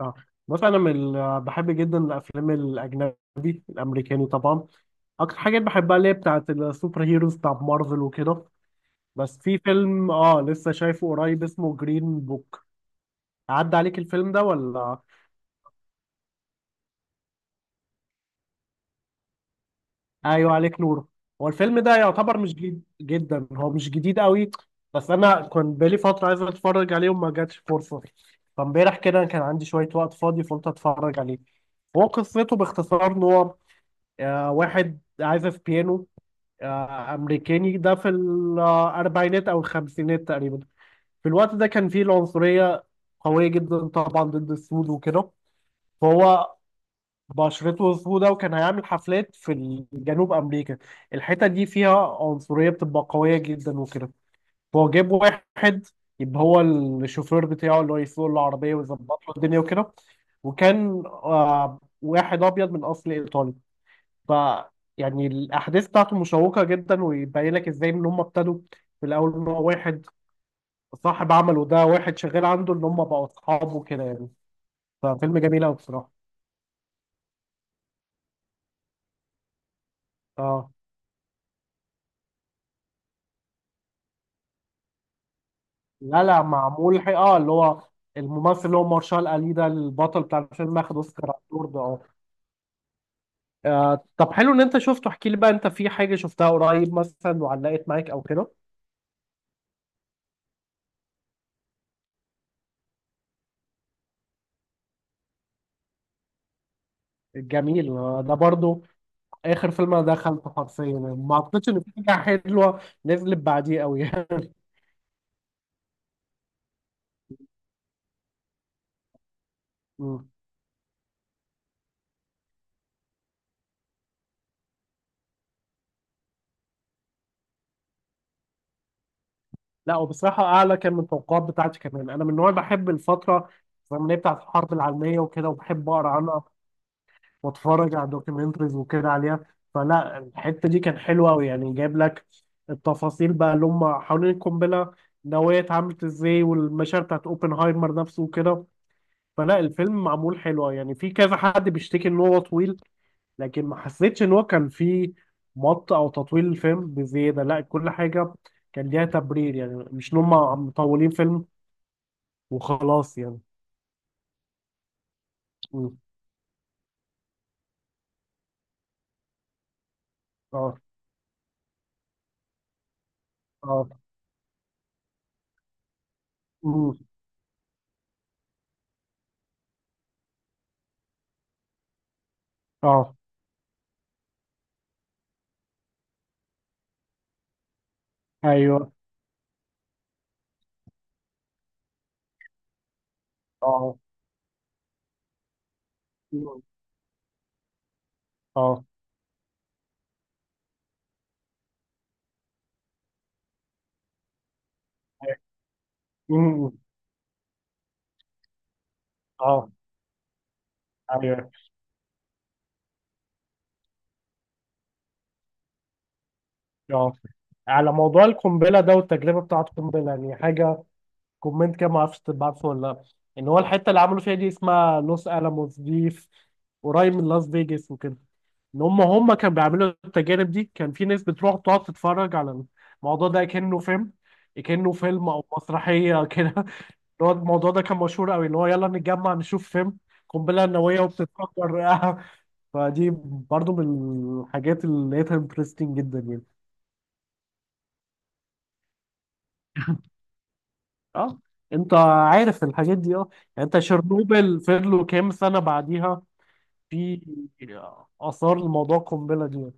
اه. بص، انا من بحب جدا الافلام الاجنبي الامريكاني طبعا. اكتر حاجات بحبها اللي هي بتاعت السوبر هيروز، بتاعت مارفل وكده. بس في فيلم اه لسه شايفه قريب اسمه جرين بوك، عدى عليك الفيلم ده ولا؟ ايوه عليك نور. هو الفيلم ده يعتبر مش جديد جدا، هو مش جديد قوي. بس انا كان بقالي فتره عايز اتفرج عليه وما جاتش فرصه، فامبارح كده كان عندي شويه وقت فاضي فقلت اتفرج عليه. هو قصته باختصار ان هو واحد عازف بيانو امريكاني ده في الاربعينات او الخمسينات تقريبا. في الوقت ده كان فيه العنصريه قويه جدا طبعا ضد السود وكده. فهو بشرته سودة وكان هيعمل حفلات في جنوب امريكا، الحته دي فيها عنصريه بتبقى قويه جدا وكده. فهو جاب واحد يبقى هو الشوفير بتاعه اللي هو يسوق العربيه ويظبط له الدنيا وكده، وكان واحد ابيض من اصل ايطالي. ف يعني الاحداث بتاعته مشوقه جدا، ويبين لك ازاي ان هم ابتدوا في الاول ان هو واحد صاحب عمله ده واحد شغال عنده ان هم بقوا اصحاب وكده يعني. ففيلم جميل قوي بصراحه. اه. لا لا، معمول اه اللي هو الممثل اللي هو مارشال الي ده البطل بتاع الفيلم اخد اوسكار على الدور ده، اه. طب حلو ان انت شفته، احكي لي بقى انت في حاجه شفتها قريب مثلا وعلقت معاك او كده؟ جميل. ده برضو اخر فيلم انا دخلته حرفيا يعني، ما اعتقدش ان في حاجه حلوه نزلت بعديه قوي. مم. لا وبصراحة أعلى كان من التوقعات بتاعتي. كمان أنا من النوع اللي بحب الفترة الزمنية بتاعت الحرب العالمية وكده، وبحب أقرأ عنها وأتفرج على دوكيومنتريز وكده عليها. فلا الحتة دي كان حلوة أوي، يعني جايب لك التفاصيل بقى اللي هم حوالين القنبلة النووية اتعملت إزاي، والمشاعر بتاعت أوبنهايمر نفسه وكده. فلا الفيلم معمول حلو يعني. في كذا حد بيشتكي إن هو طويل، لكن ما حسيتش ان هو كان فيه مط او تطويل الفيلم بزياده، لا كل حاجه كان ليها تبرير يعني، مش ان هم مطولين فيلم وخلاص يعني. مم. اه. اه. مم. اه، ايوه، اه. مم. اه. مم. اه، ايوه، اه. على موضوع القنبله ده والتجربه بتاعه القنبله، يعني حاجه كومنت كده ما اعرفش تبعته ولا لا، ان هو الحته اللي عملوا فيها دي اسمها لوس الاموس، دي في- قريب من لاس فيجاس وكده. ان هم كانوا بيعملوا التجارب دي كان في ناس بتروح تقعد تتفرج على الموضوع ده كأنه فيلم، كأنه فيلم او مسرحيه كده. اللي هو الموضوع ده كان مشهور قوي، اللي هو يلا نتجمع نشوف فيلم قنبله نوويه وبتتفجر. فدي برضو من الحاجات اللي لقيتها انترستنج جدا يعني. اه، انت عارف الحاجات دي، اه. يعني انت شرنوبل فضلوا كام سنه بعديها في اثار الموضوع القنبله دي.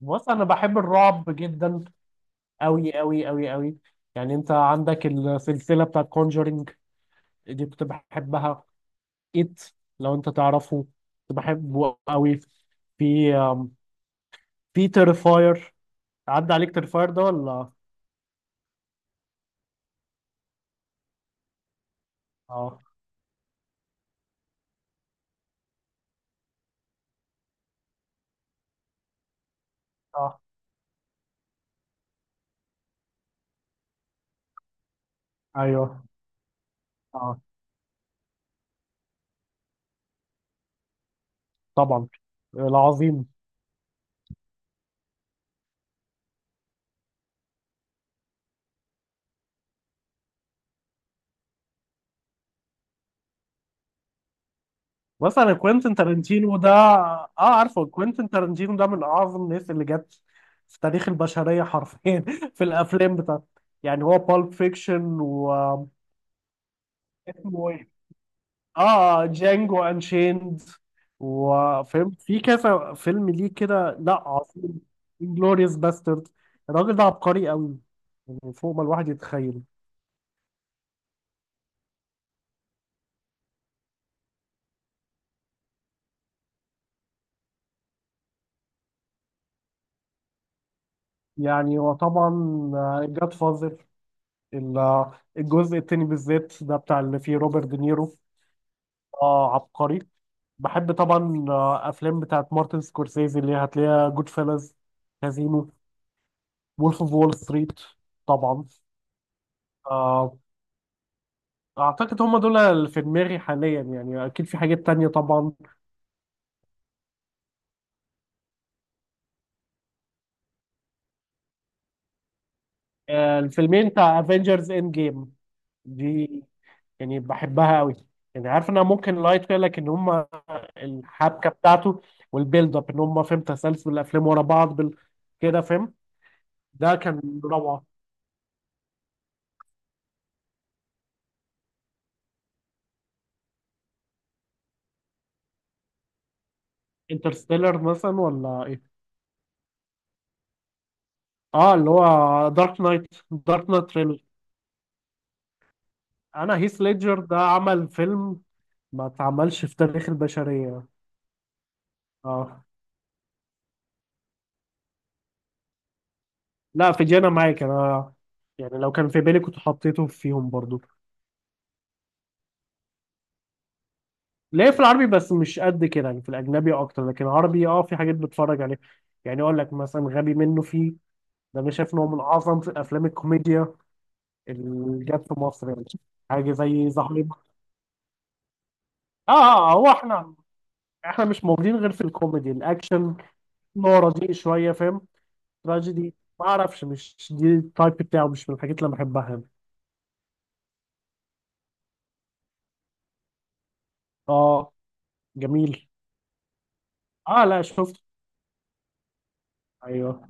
بص انا بحب الرعب جدا، أوي أوي أوي أوي. يعني أنت عندك السلسلة بتاعت كونجرينج، دي كنت بحبها. إت لو أنت تعرفه، كنت بحبه أوي. في في تيرفاير، عدى عليك تيرفاير ده ولا؟ اه. اه، ايوه، اه. طبعا. العظيم. مثلا كوينتين تارنتينو ده اه، عارفه كوينتين تارنتينو ده من اعظم الناس اللي جت في تاريخ البشريه حرفيا، في الافلام بتاعته. يعني هو بالب فيكشن، و اسمه إيه؟ اه، جانجو انشيند، وفهمت في كذا فيلم ليه كده. لا عظيم. انجلوريوس باسترد. الراجل ده عبقري قوي، يعني فوق ما الواحد يتخيل. يعني هو طبعا جاد فازر، الجزء التاني بالذات ده بتاع اللي فيه روبرت دينيرو، اه عبقري. بحب طبعا افلام بتاعت مارتن سكورسيزي اللي هتلاقيها جود فيلز، كازينو، وولف اوف وول ستريت طبعا. آه، اعتقد هم دول اللي في دماغي حاليا يعني، اكيد في حاجات تانية طبعا. الفيلمين بتاع افنجرز اند جيم دي، يعني بحبها قوي. يعني عارف انها ممكن لايت فيها، لكن هم الحبكه بتاعته والبيلد اب ان هم فاهم تسلسل الافلام ورا بعض كده، فاهم؟ ده كان روعه. انترستيلر مثلا ولا ايه؟ اه، اللي هو دارك نايت تريلر. انا هيث ليدجر ده عمل فيلم ما اتعملش في تاريخ البشريه. اه. لا في جانا معاك انا، يعني لو كان في بالي كنت حطيته فيهم برضو. ليه، في العربي بس مش قد كده يعني، في الاجنبي اكتر، لكن العربي اه في حاجات بتفرج عليها. يعني اقول لك مثلا غبي منه فيه، ده انا شايف ان هو من اعظم في افلام الكوميديا اللي جت في مصر يعني. حاجه زي زهايمر. اه، هو احنا، احنا مش موجودين غير في الكوميدي الاكشن، نوع رديء شويه فاهم. تراجيدي ما اعرفش، مش دي التايب بتاعه، مش من الحاجات اللي أنا بحبها يعني. اه، جميل. اه لا، شفت. ايوه.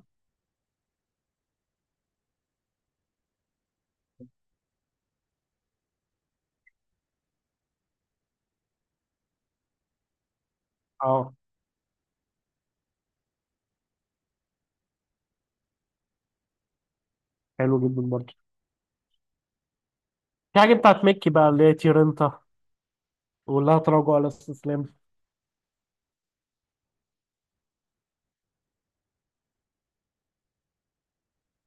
اه. حلو جدا برضه. في حاجة بتاعت ميكي بقى اللي هي تيرنتا، ولا تراجع ولا استسلام.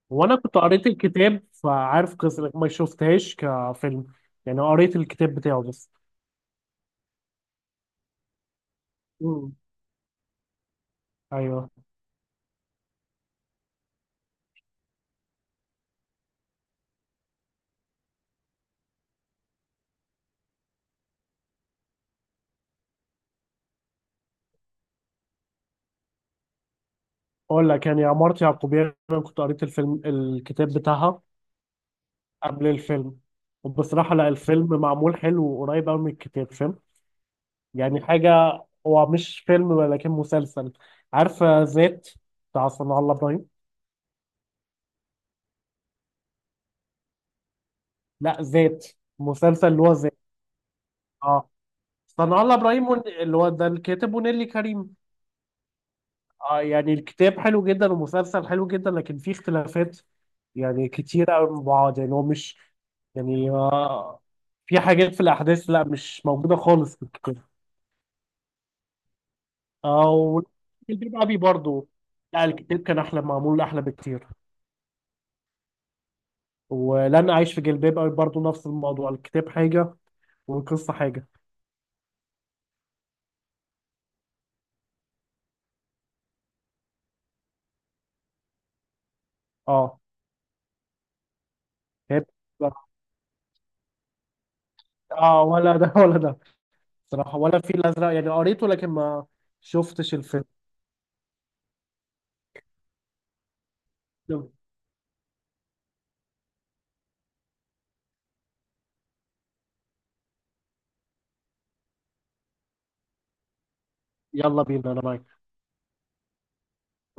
وانا كنت قريت الكتاب فعارف قصة ما شفتهاش كفيلم، يعني قريت الكتاب بتاعه بس. مم. ايوه. اقول لك يعني عمارة يعقوبيان، انا كنت قريت الفيلم الكتاب بتاعها قبل الفيلم. وبصراحة لا الفيلم معمول حلو وقريب قوي من الكتاب، فاهم؟ يعني حاجة، هو مش فيلم ولكن مسلسل، عارف ذات بتاع صنع الله ابراهيم؟ لا ذات، مسلسل اللي هو ذات. اه، صنع الله ابراهيم اللي هو ده الكاتب ونيلي كريم. آه يعني الكتاب حلو جدا ومسلسل حلو جدا، لكن فيه اختلافات يعني كتيرة قوي من بعض. يعني هو مش يعني آه، في حاجات في الاحداث لا مش موجودة خالص في الكتاب. اه، والجلباب ابي برضو. لا الكتاب كان احلى، معمول احلى بكتير. ولن اعيش في جلباب ابي برضو نفس الموضوع، الكتاب حاجة والقصة حاجة. اه. هي- اه، ولا ده ولا ده صراحة، ولا في الازرق يعني قريته لكن ما شفتش الفيلم. يلا بينا، انا معاك.